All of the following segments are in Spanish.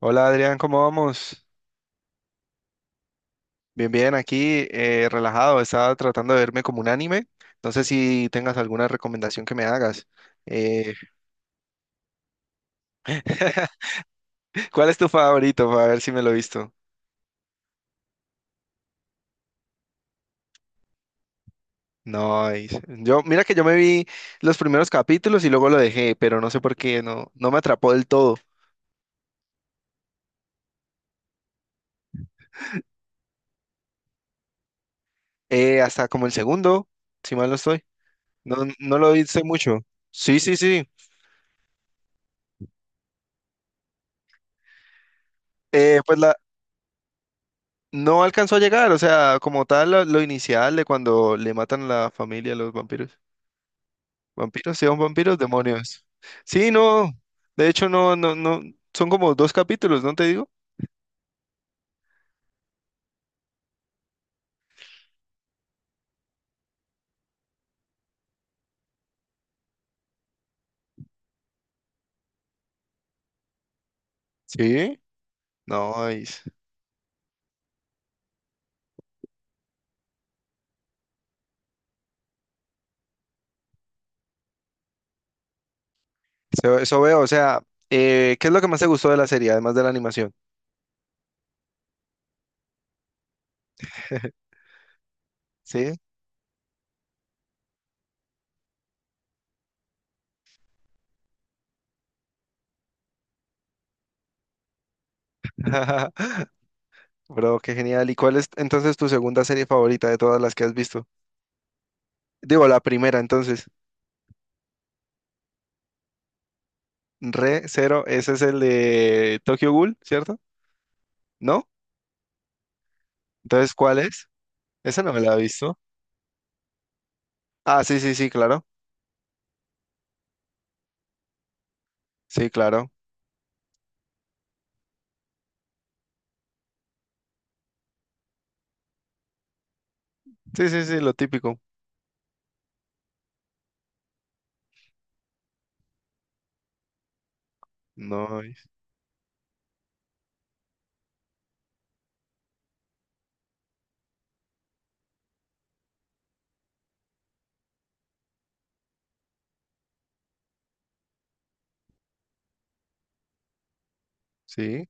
Hola Adrián, ¿cómo vamos? Bien, bien, aquí relajado, estaba tratando de verme como un anime. No sé si tengas alguna recomendación que me hagas. Eh, ¿cuál es tu favorito? Para ver si me lo he visto. No, yo, mira que yo me vi los primeros capítulos y luego lo dejé, pero no sé por qué, no, no me atrapó del todo. Hasta como el segundo, si mal no estoy. No, no lo hice mucho. Sí, sí, sí. Eh, pues la, No alcanzó a llegar, o sea, como tal, lo inicial de cuando le matan a la familia a los vampiros. ¿Vampiros? ¿Sí son vampiros? Demonios. Sí, no. De hecho, no, no, no. Son como dos capítulos, ¿no te digo? Sí. No, es- eso veo. O sea, ¿qué es lo que más te gustó de la serie, además de la animación? Sí. Bro, qué genial. ¿Y cuál es entonces tu segunda serie favorita de todas las que has visto? Digo, la primera, entonces. Re Zero, ese es el de Tokyo Ghoul, ¿cierto? ¿No? Entonces, ¿cuál es? Esa no me la he visto. Ah, sí, sí, sí, claro. Sí, claro. Sí, sí, sí, lo típico. No, sí,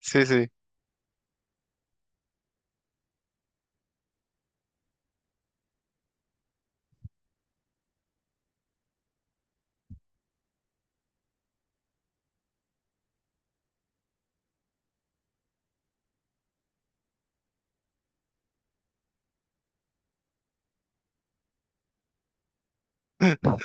sí, sí.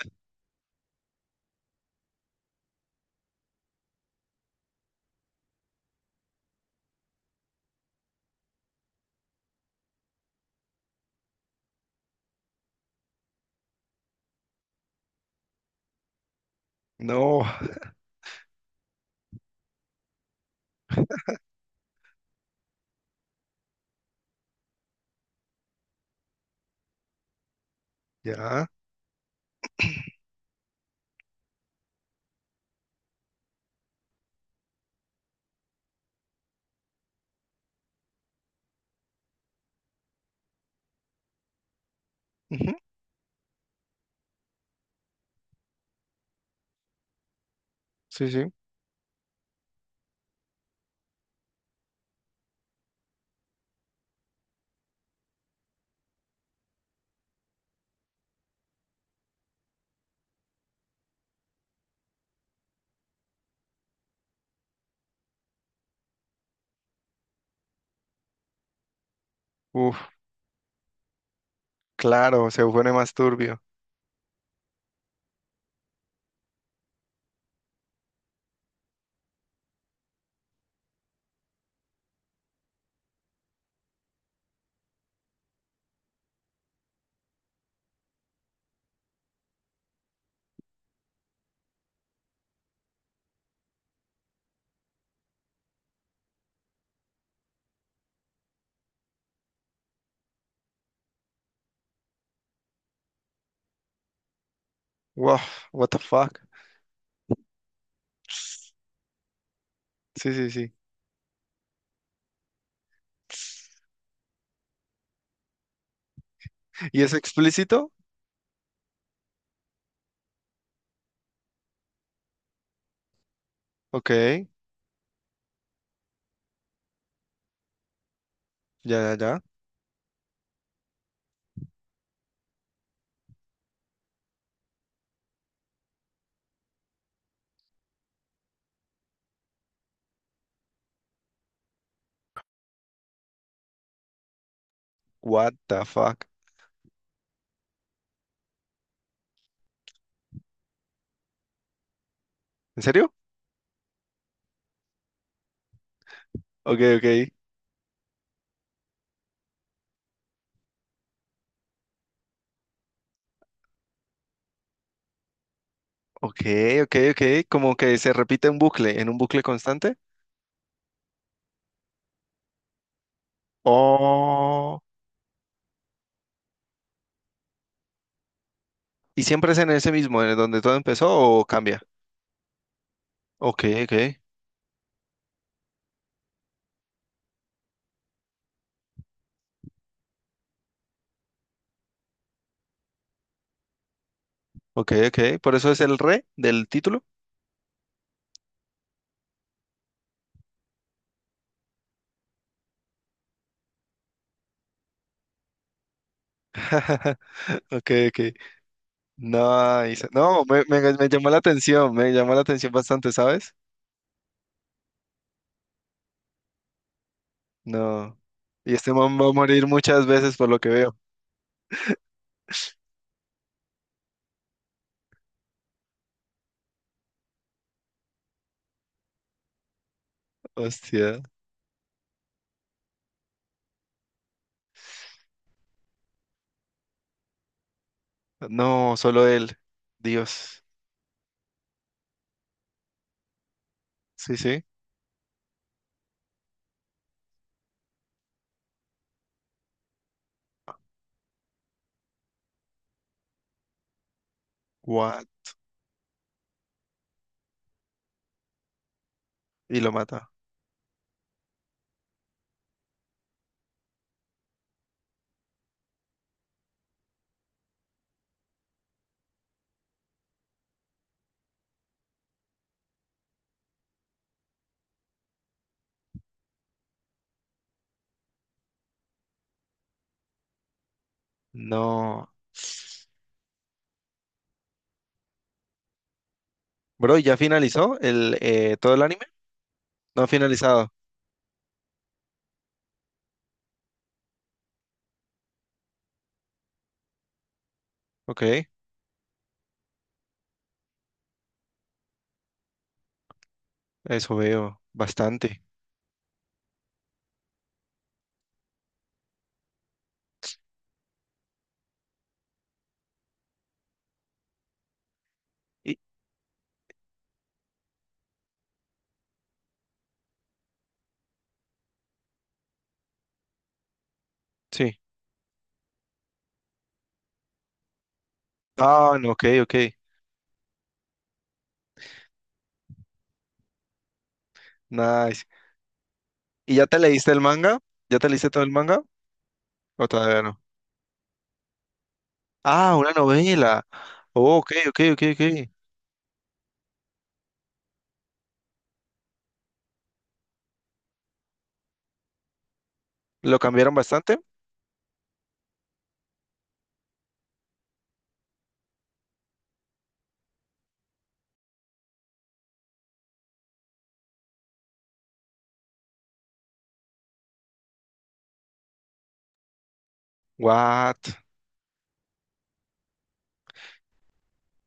No, ya. Ujú, sí, sí. Uf, claro, se pone más turbio. Wow, what the fuck. Sí, sí, sí. ¿Y es explícito? Ok, ya, ya, ya. What the fuck. ¿En serio? Ok, ok. Ok, ok, ok. Como que se repite en bucle, en un bucle constante. Oh. ¿Y siempre es en ese mismo, en donde todo empezó o cambia? Ok, ok, ok, ok. Por eso es el re del título. Ok, ok. Nice. No, me llamó la atención, me llamó la atención bastante, ¿sabes? No. Y este man va a morir muchas veces por lo que veo. Hostia. No, solo él. Dios. Sí, sí. What? Y lo mata. No. Bro, ¿y ¿ya finalizó el todo el anime? No ha finalizado. Ok, eso veo. Bastante. Y, sí. Ah, no, ok, ok. Nice. ¿Y ya te leíste el manga? ¿Ya te leíste todo el manga? ¿O todavía no? Ah, una novela. Oh, ok, ok, ok, ok. ¿Lo cambiaron bastante? What?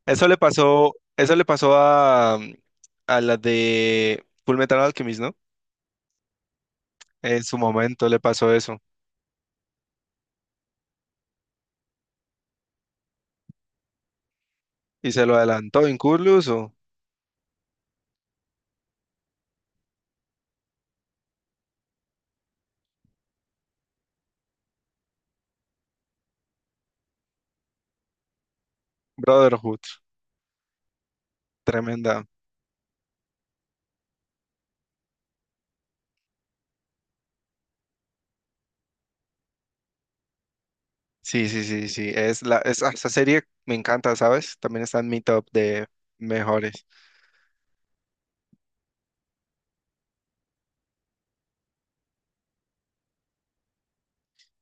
Eso le pasó a la de Fullmetal Alchemist, ¿no? En su momento le pasó eso. Y se lo adelantó incluso. Brotherhood. Tremenda. Sí, sí, sí, sí. Ah, esa serie me encanta, ¿sabes? También está en mi top de mejores.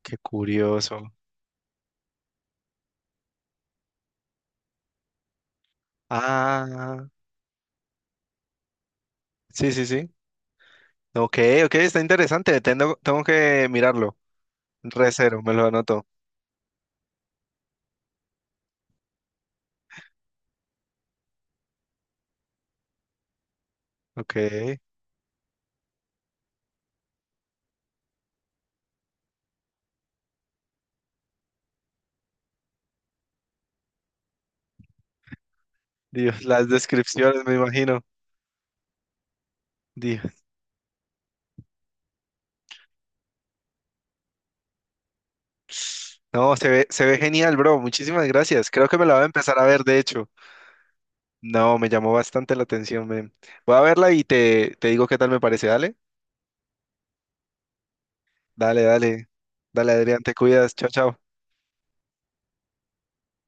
Qué curioso. Ah, sí, sí, sí. Ok, ok, está interesante. Tengo que mirarlo. Recero, me lo anoto. Ok. Dios, las descripciones, me imagino. Dios. No, se ve genial, bro. Muchísimas gracias. Creo que me la voy a empezar a ver, de hecho. No, me llamó bastante la atención, men. Voy a verla y te digo qué tal me parece. Dale, dale, dale. Dale, Adrián, te cuidas. Chao, chao.